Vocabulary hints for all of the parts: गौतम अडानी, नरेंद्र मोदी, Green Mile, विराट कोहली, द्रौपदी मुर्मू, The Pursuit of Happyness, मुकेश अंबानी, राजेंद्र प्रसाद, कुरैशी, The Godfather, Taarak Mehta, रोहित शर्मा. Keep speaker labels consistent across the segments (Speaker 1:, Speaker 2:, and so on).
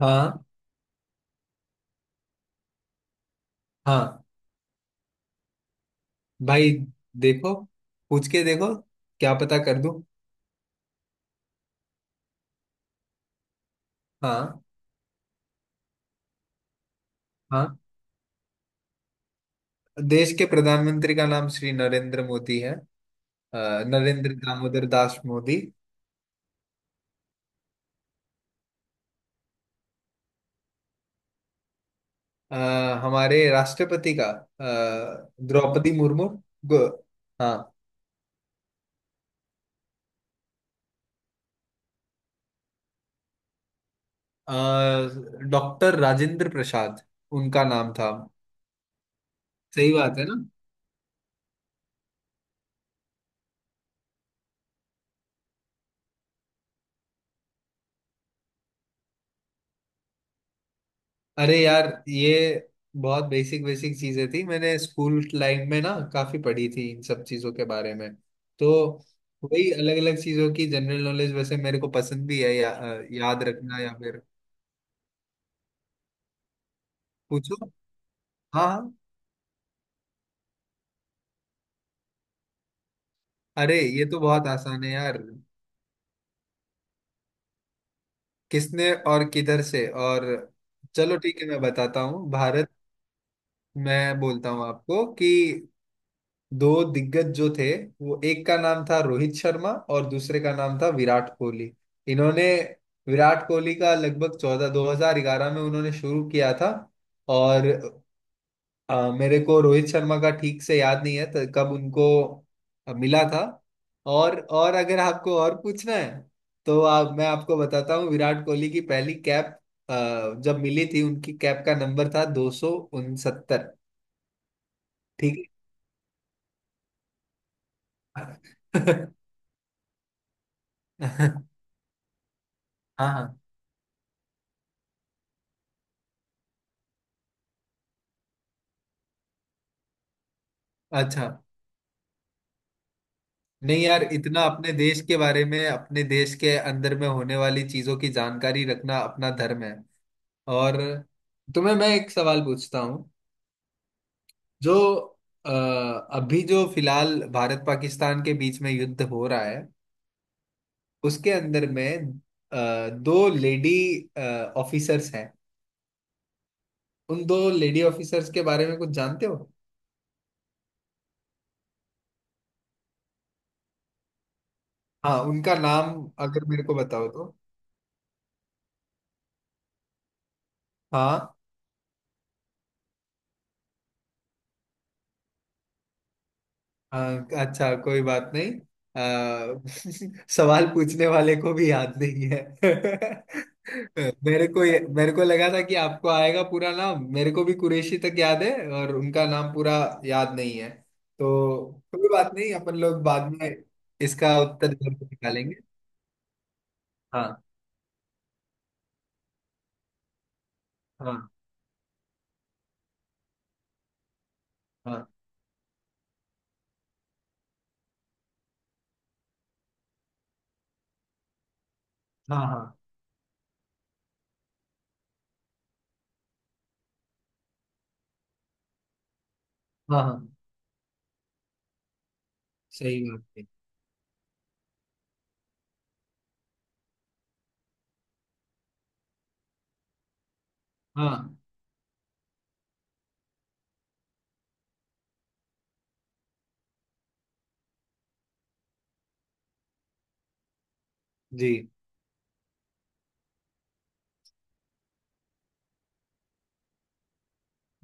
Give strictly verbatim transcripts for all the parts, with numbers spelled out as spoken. Speaker 1: हाँ हाँ, भाई। देखो, पूछ के देखो। क्या पता कर दूं। हाँ हाँ, देश के प्रधानमंत्री का नाम श्री नरेंद्र मोदी है। अ, नरेंद्र दामोदर दास मोदी। अ, हमारे राष्ट्रपति का अ, द्रौपदी मुर्मू। गो- हाँ। डॉक्टर राजेंद्र प्रसाद उनका नाम था। सही बात है ना? अरे यार, ये बहुत बेसिक बेसिक चीजें थी। मैंने स्कूल लाइफ में ना काफी पढ़ी थी इन सब चीजों के बारे में। तो वही अलग अलग चीजों की जनरल नॉलेज वैसे मेरे को पसंद भी है या, याद रखना, या फिर पूछो। हाँ हाँ। अरे, ये तो बहुत आसान है यार। किसने और किधर से, और। चलो ठीक है, मैं बताता हूँ। भारत, मैं बोलता हूँ आपको कि दो दिग्गज जो थे, वो एक का नाम था रोहित शर्मा और दूसरे का नाम था विराट कोहली। इन्होंने, विराट कोहली का लगभग चौदह, दो हजार ग्यारह में उन्होंने शुरू किया था। और अ, मेरे को रोहित शर्मा का ठीक से याद नहीं है तो कब उनको अ, मिला था। और और अगर आपको और पूछना है, तो आप, मैं आपको बताता हूँ विराट कोहली की पहली कैप अ, जब मिली थी, उनकी कैप का नंबर था दो सौ उनसत्तर। ठीक है। हाँ हाँ। अच्छा। नहीं यार, इतना अपने देश के बारे में, अपने देश के अंदर में होने वाली चीजों की जानकारी रखना अपना धर्म है। और तुम्हें मैं एक सवाल पूछता हूँ। जो अ, अभी जो फिलहाल भारत पाकिस्तान के बीच में युद्ध हो रहा है, उसके अंदर में अ, दो लेडी ऑफिसर्स हैं। उन दो लेडी ऑफिसर्स के बारे में कुछ जानते हो? हाँ, उनका नाम अगर मेरे को बताओ तो। हाँ हाँ, अच्छा, कोई बात नहीं। अ, सवाल पूछने वाले को भी याद नहीं है। मेरे को ये- मेरे को लगा था कि आपको आएगा पूरा नाम। मेरे को भी कुरैशी तक याद है। और उनका नाम पूरा याद नहीं है, तो कोई बात नहीं। अपन लोग बाद में इसका उत्तर जरूर निकालेंगे। हाँ हाँ हाँ हाँ हाँ हाँ हाँ। सही बात है। हाँ जी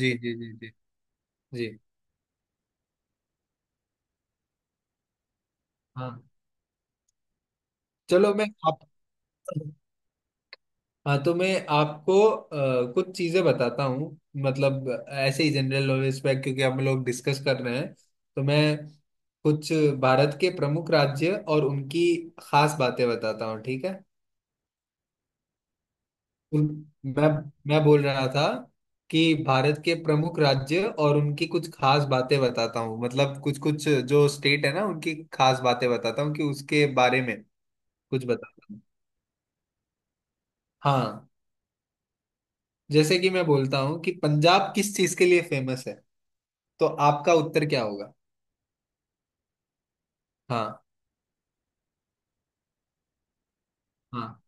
Speaker 1: जी जी जी जी जी हाँ। चलो मैं आप, हाँ तो मैं आपको अ, कुछ चीजें बताता हूँ, मतलब ऐसे ही जनरल नॉलेज पे, क्योंकि हम लोग डिस्कस कर रहे हैं। तो मैं कुछ भारत के प्रमुख राज्य और उनकी खास बातें बताता हूँ, ठीक है? उन- मैं मैं बोल रहा था कि भारत के प्रमुख राज्य और उनकी कुछ खास बातें बताता हूँ, मतलब कुछ कुछ जो स्टेट है ना, उनकी खास बातें बताता हूँ कि उसके बारे में कुछ बताता हूँ। हाँ, जैसे कि मैं बोलता हूँ कि पंजाब किस चीज के लिए फेमस है, तो आपका उत्तर क्या होगा? हाँ हाँ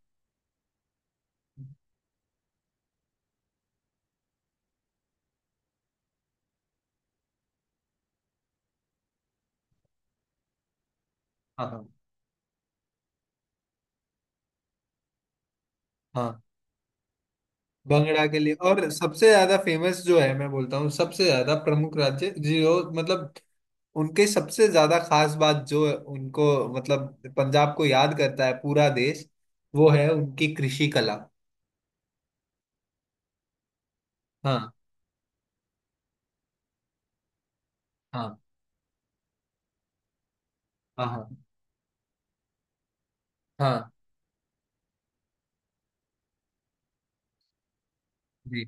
Speaker 1: हाँ हाँ हाँ। भंगड़ा के लिए, और सबसे ज्यादा फेमस जो है, मैं बोलता हूँ सबसे ज्यादा प्रमुख राज्य जो, मतलब उनके सबसे ज्यादा खास बात जो उनको, मतलब पंजाब को याद करता है पूरा देश, वो है उनकी कृषि कला। हाँ हाँ हाँ हाँ हाँ जी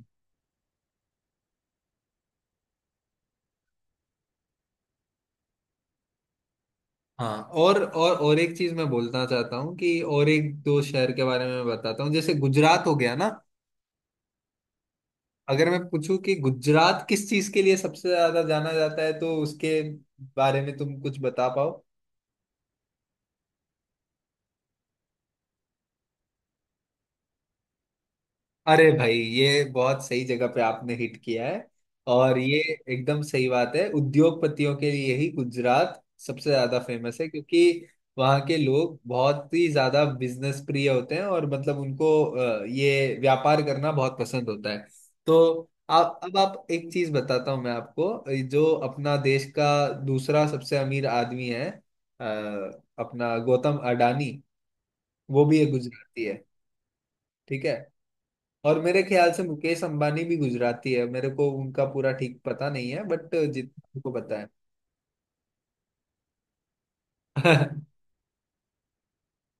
Speaker 1: हाँ। और और और एक चीज मैं बोलना चाहता हूँ, कि और एक दो शहर के बारे में मैं बताता हूँ, जैसे गुजरात हो गया ना। अगर मैं पूछूं कि गुजरात किस चीज के लिए सबसे ज्यादा जाना जाता है, तो उसके बारे में तुम कुछ बता पाओ? अरे भाई, ये बहुत सही जगह पे आपने हिट किया है। और ये एकदम सही बात है, उद्योगपतियों के लिए ही गुजरात सबसे ज्यादा फेमस है, क्योंकि वहाँ के लोग बहुत ही ज्यादा बिजनेस प्रिय होते हैं और मतलब उनको अ, ये व्यापार करना बहुत पसंद होता है। तो आप, अब आप एक चीज बताता हूँ मैं आपको। जो अपना देश का दूसरा सबसे अमीर आदमी है, अ, अपना गौतम अडानी, वो भी एक गुजराती है। ठीक है। और मेरे ख्याल से मुकेश अंबानी भी गुजराती है, मेरे को उनका पूरा ठीक पता नहीं है, बट जितना मेरे को पता है।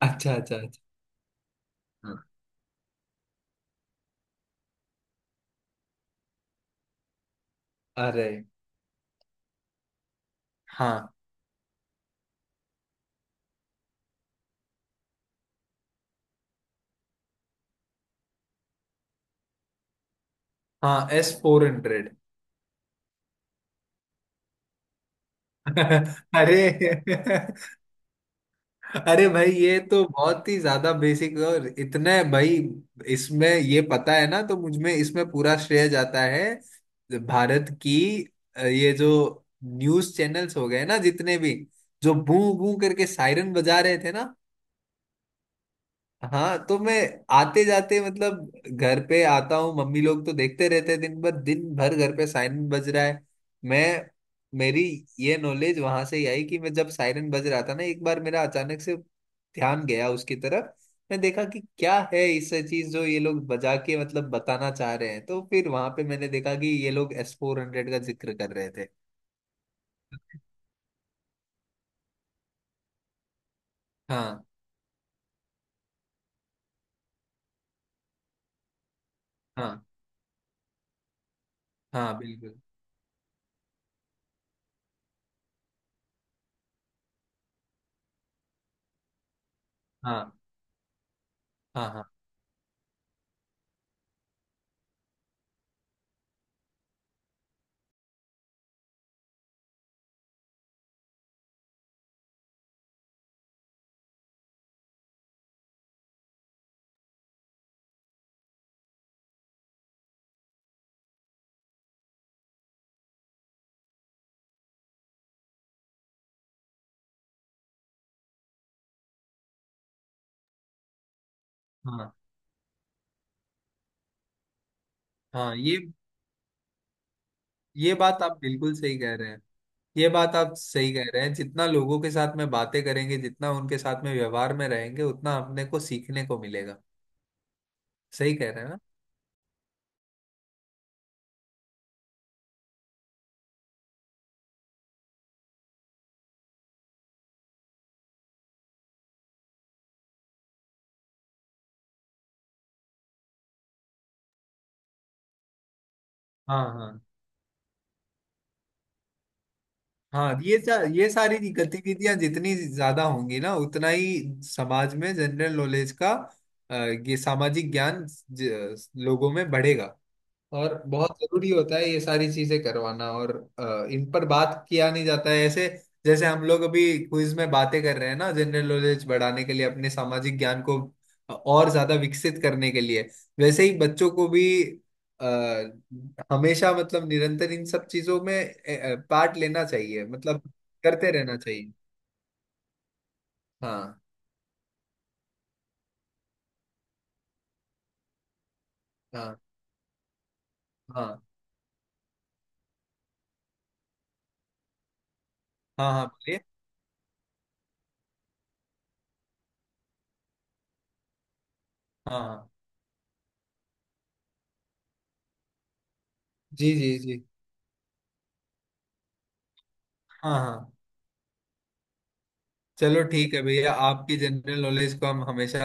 Speaker 1: अच्छा अच्छा अच्छा। हाँ, अरे हाँ हाँ, एस फोर हंड्रेड। अरे। अरे भाई, ये तो बहुत ही ज्यादा बेसिक, और इतने भाई, इसमें ये पता है ना, तो मुझ में इसमें पूरा श्रेय जाता है भारत की अ, ये जो न्यूज चैनल्स हो गए ना, जितने भी, जो बू बू करके सायरन बजा रहे थे ना। हाँ, तो मैं आते जाते, मतलब घर पे आता हूँ, मम्मी लोग तो देखते रहते हैं दिन भर दिन भर, घर पे सायरन बज रहा है। मैं, मेरी ये नॉलेज वहां से ही आई कि मैं जब सायरन बज रहा था ना, एक बार मेरा अचानक से ध्यान गया उसकी तरफ। मैं देखा कि क्या है इस चीज जो ये लोग बजा के मतलब बताना चाह रहे हैं, तो फिर वहां पे मैंने देखा कि ये लोग एस फोर हंड्रेड का जिक्र कर रहे थे। हाँ हाँ हाँ बिल्कुल। हाँ हाँ हाँ हाँ हाँ। ये ये बात आप बिल्कुल सही कह रहे हैं। ये बात आप सही कह रहे हैं, जितना लोगों के साथ में बातें करेंगे, जितना उनके साथ में व्यवहार में रहेंगे, उतना अपने को सीखने को मिलेगा। सही कह रहे हैं ना? हाँ हाँ हाँ। ये सा, ये सारी गतिविधियां जितनी ज्यादा होंगी ना, उतना ही समाज में जनरल नॉलेज का अ, ये सामाजिक ज्ञान ज- लोगों में बढ़ेगा। और बहुत जरूरी होता है ये सारी चीजें करवाना, और अ, इन पर बात किया नहीं जाता है ऐसे। जैसे हम लोग अभी क्विज में बातें कर रहे हैं ना, जनरल नॉलेज बढ़ाने के लिए, अपने सामाजिक ज्ञान को और ज्यादा विकसित करने के लिए, वैसे ही बच्चों को भी आ, हमेशा, मतलब निरंतर इन सब चीजों में अ, अ, पार्ट लेना चाहिए, मतलब करते रहना चाहिए। हाँ हाँ हाँ हाँ हाँ। बोलिए। हाँ हाँ हाँ। जी जी जी। हाँ हाँ, चलो ठीक है भैया, आपकी जनरल नॉलेज को हम हमेशा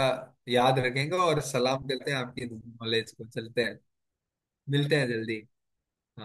Speaker 1: याद रखेंगे, और सलाम करते हैं आपकी नॉलेज को। चलते हैं। मिलते हैं जल्दी। हाँ।